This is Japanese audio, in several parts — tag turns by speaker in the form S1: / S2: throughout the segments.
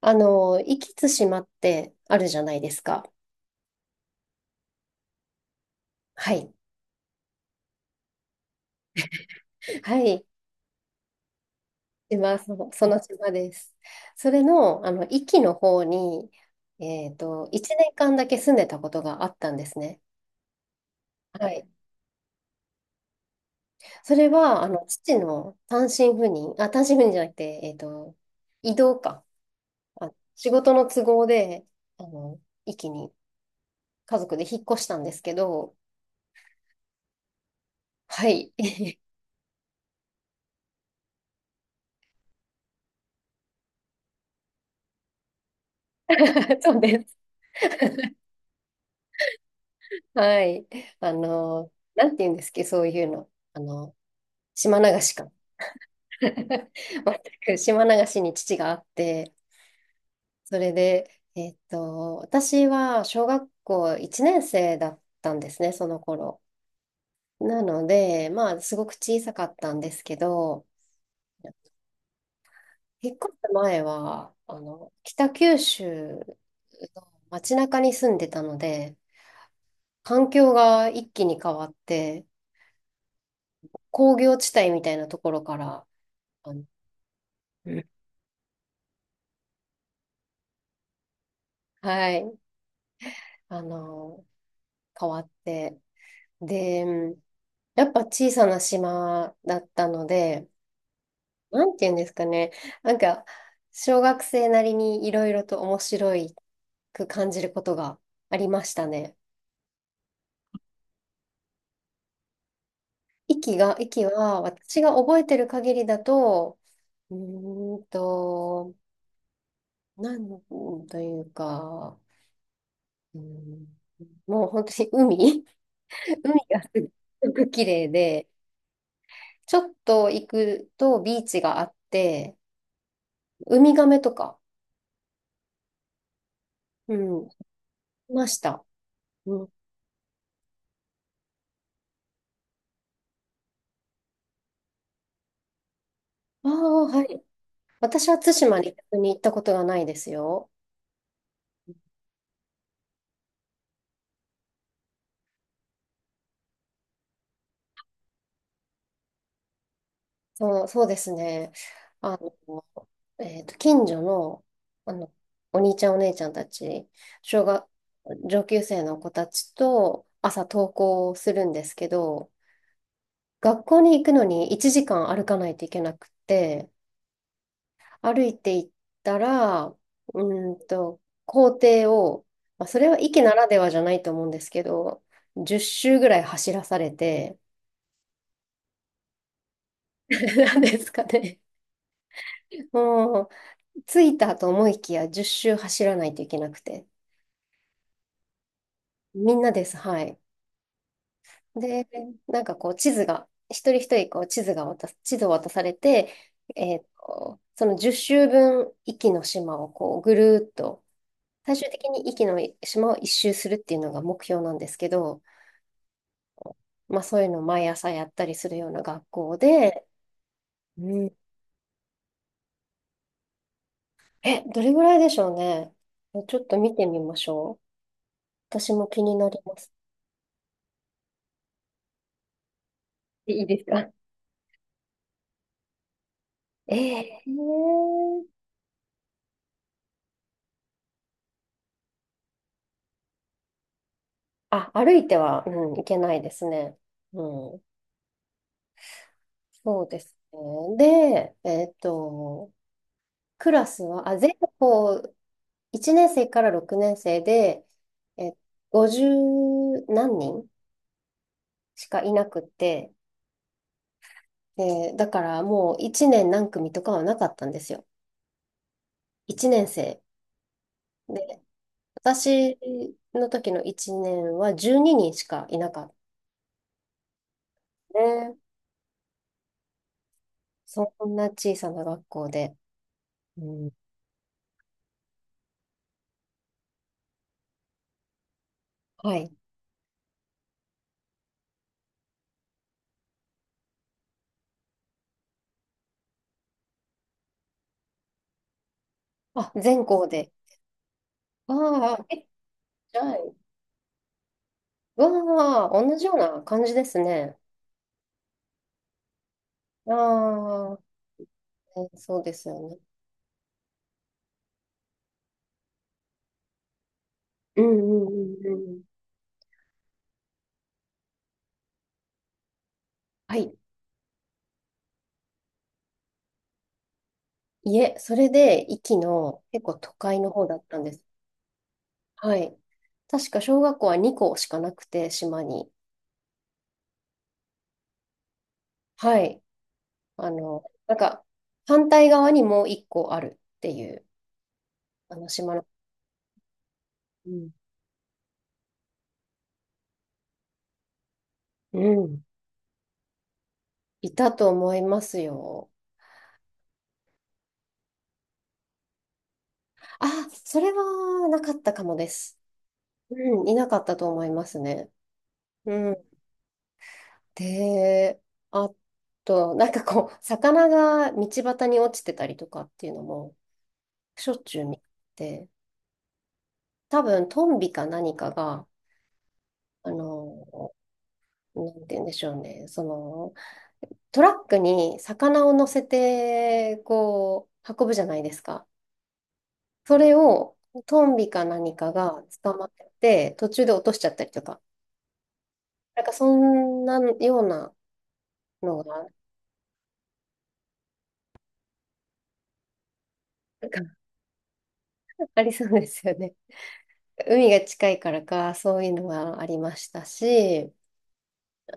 S1: 壱岐対馬ってあるじゃないですか。はい。はい。島、その島です。それの、壱岐の方に、1年間だけ住んでたことがあったんですね。はい。それは、父の単身赴任、あ、単身赴任じゃなくて、移動か。あ、仕事の都合で、あの、壱岐に家族で引っ越したんですけど、はい。そうです。はい。なんて言うんですっけ、そういうの。島流しか。全く島流しに父があって、それで、私は小学校1年生だったんですね、その頃。なので、まあ、すごく小さかったんですけど、引っ越す前は、北九州の街中に住んでたので、環境が一気に変わって、工業地帯みたいなところから、あのうん、はい。あの、変わって。で、やっぱ小さな島だったので、なんて言うんですかね。なんか、小学生なりにいろいろと面白いく感じることがありましたね。息は、私が覚えてる限りだと、うーんと、なんというか、うーんもう本当に海、海がすごく綺麗で、ちょっと行くとビーチがあって、ウミガメとか、うん、いました。うん、ああ、はい。私は対馬に逆に行ったことがないですよ。そう、そうですね。あの、近所の、あの、お兄ちゃんお姉ちゃんたち、小学、上級生の子たちと朝登校するんですけど、学校に行くのに1時間歩かないといけなくって、歩いていったら、校庭を、まあ、それは駅ならではじゃないと思うんですけど、10周ぐらい走らされて、なんですかね。もう、着いたと思いきや10周走らないといけなくて。みんなです、はい。で、なんかこう、地図が、一人一人こう、地図を渡されて、その10周分、壱岐の島をこう、ぐるーっと、最終的に壱岐の島を一周するっていうのが目標なんですけど、まあそういうのを毎朝やったりするような学校で、うん。どれぐらいでしょうね。ちょっと見てみましょう。私も気になります。いいですか？ ええ。歩いては、うん、いけないですね。うん、そうですね。で、クラスは、全校1年生から6年生で、え、50何人しかいなくって、で、だからもう1年何組とかはなかったんですよ。1年生。で、私の時の1年は12人しかいなかったね。そんな小さな学校で。うん、はい。全校で。ああ、じゃあ、わあ、同じような感じですね。ああ、そうですよね。うん、うん、うん、うん。はい。いえ、それで、壱岐の結構都会の方だったんです。はい。確か小学校は2校しかなくて、島に。はい。なんか、反対側にもう一個あるっていう、あの島の、うん、うん、いたと思いますよ。あ、それはなかったかもです。うん、いなかったと思いますね。うん。で、あと、なんかこう、魚が道端に落ちてたりとかっていうのも、しょっちゅう見て、多分、トンビか何かが、あの、なんて言うんでしょうね、トラックに魚を乗せて、こう、運ぶじゃないですか。それをトンビか何かが捕まってて、途中で落としちゃったりとか。なんかそんなようなのが、なんか ありそうですよね。海が近いからか、そういうのがありましたし、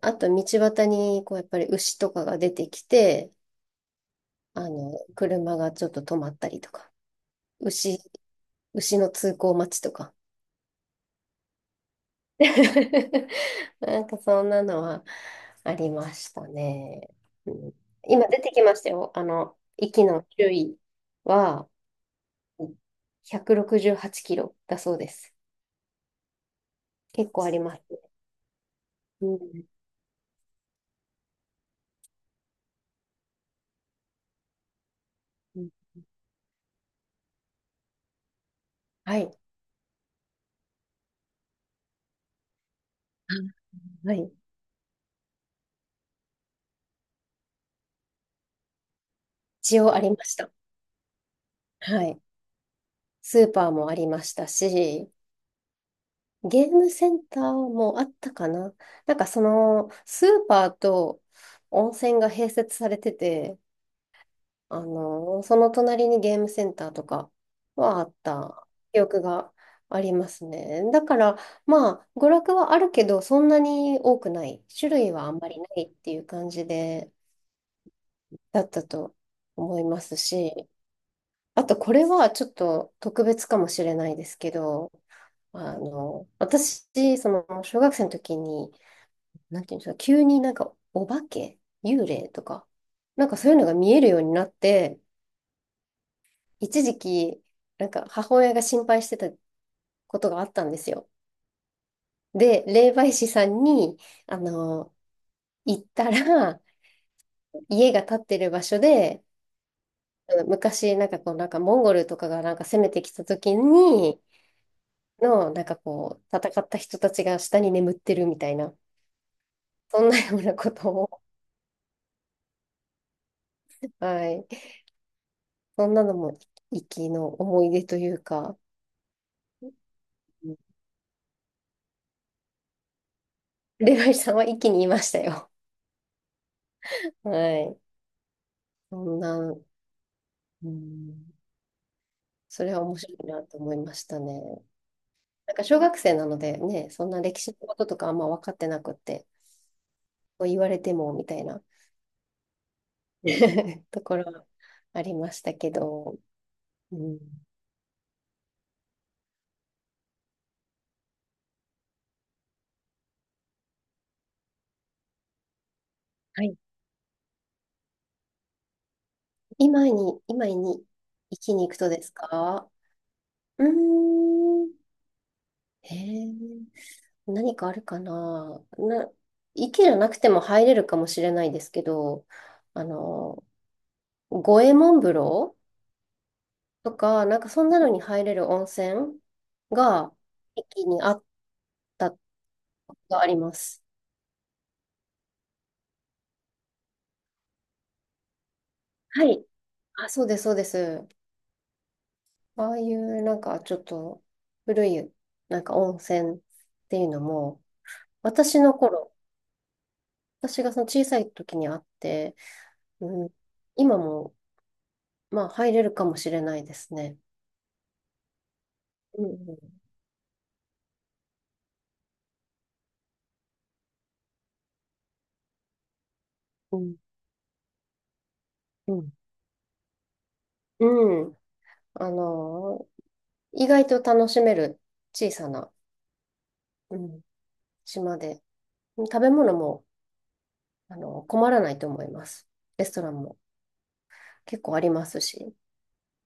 S1: あと道端に、こう、やっぱり牛とかが出てきて、車がちょっと止まったりとか、牛、牛の通行待ちとか。なんかそんなのはありましたね。うん、今出てきましたよ。息の周囲は168キロだそうです。結構ありますね。うん、うん、はい。はい。一応ありました。はい。スーパーもありましたし、ゲームセンターもあったかな。なんかその、スーパーと温泉が併設されてて、その隣にゲームセンターとかはあった記憶がありますね。だから、まあ、娯楽はあるけど、そんなに多くない。種類はあんまりないっていう感じで、だったと思いますし、あと、これはちょっと特別かもしれないですけど、私、小学生の時に、なんていうんですか、急になんか、お化け、幽霊とか、なんかそういうのが見えるようになって、一時期、なんか母親が心配してたことがあったんですよ。で、霊媒師さんに、あの、行ったら、家が建ってる場所で、昔、なんかこう、なんかモンゴルとかがなんか攻めてきた時に、なんかこう、戦った人たちが下に眠ってるみたいな、そんなようなことを、はい。そんなのも、息の思い出というか、霊媒師さんは息にいましたよ。はい。そんな、うん、それは面白いなと思いましたね。なんか小学生なのでね、そんな歴史のこととかあんま分かってなくって、こう言われてもみたいな ところはありましたけど、うん、はい。今に生きに行くとですか？うーん。へえ、何かあるかな。池じゃなくても入れるかもしれないですけど、あの、五右衛門風呂とか、なんかそんなのに入れる温泉が駅にあったがあります。はい。あ、そうです、そうです。ああいうなんかちょっと古いなんか温泉っていうのも、私の頃、私がその小さい時にあって、うん、今もまあ入れるかもしれないですね。うん、うん、うん、うん、あのー意外と楽しめる小さな、うん、島で、食べ物も困らないと思います。レストランも結構ありますし。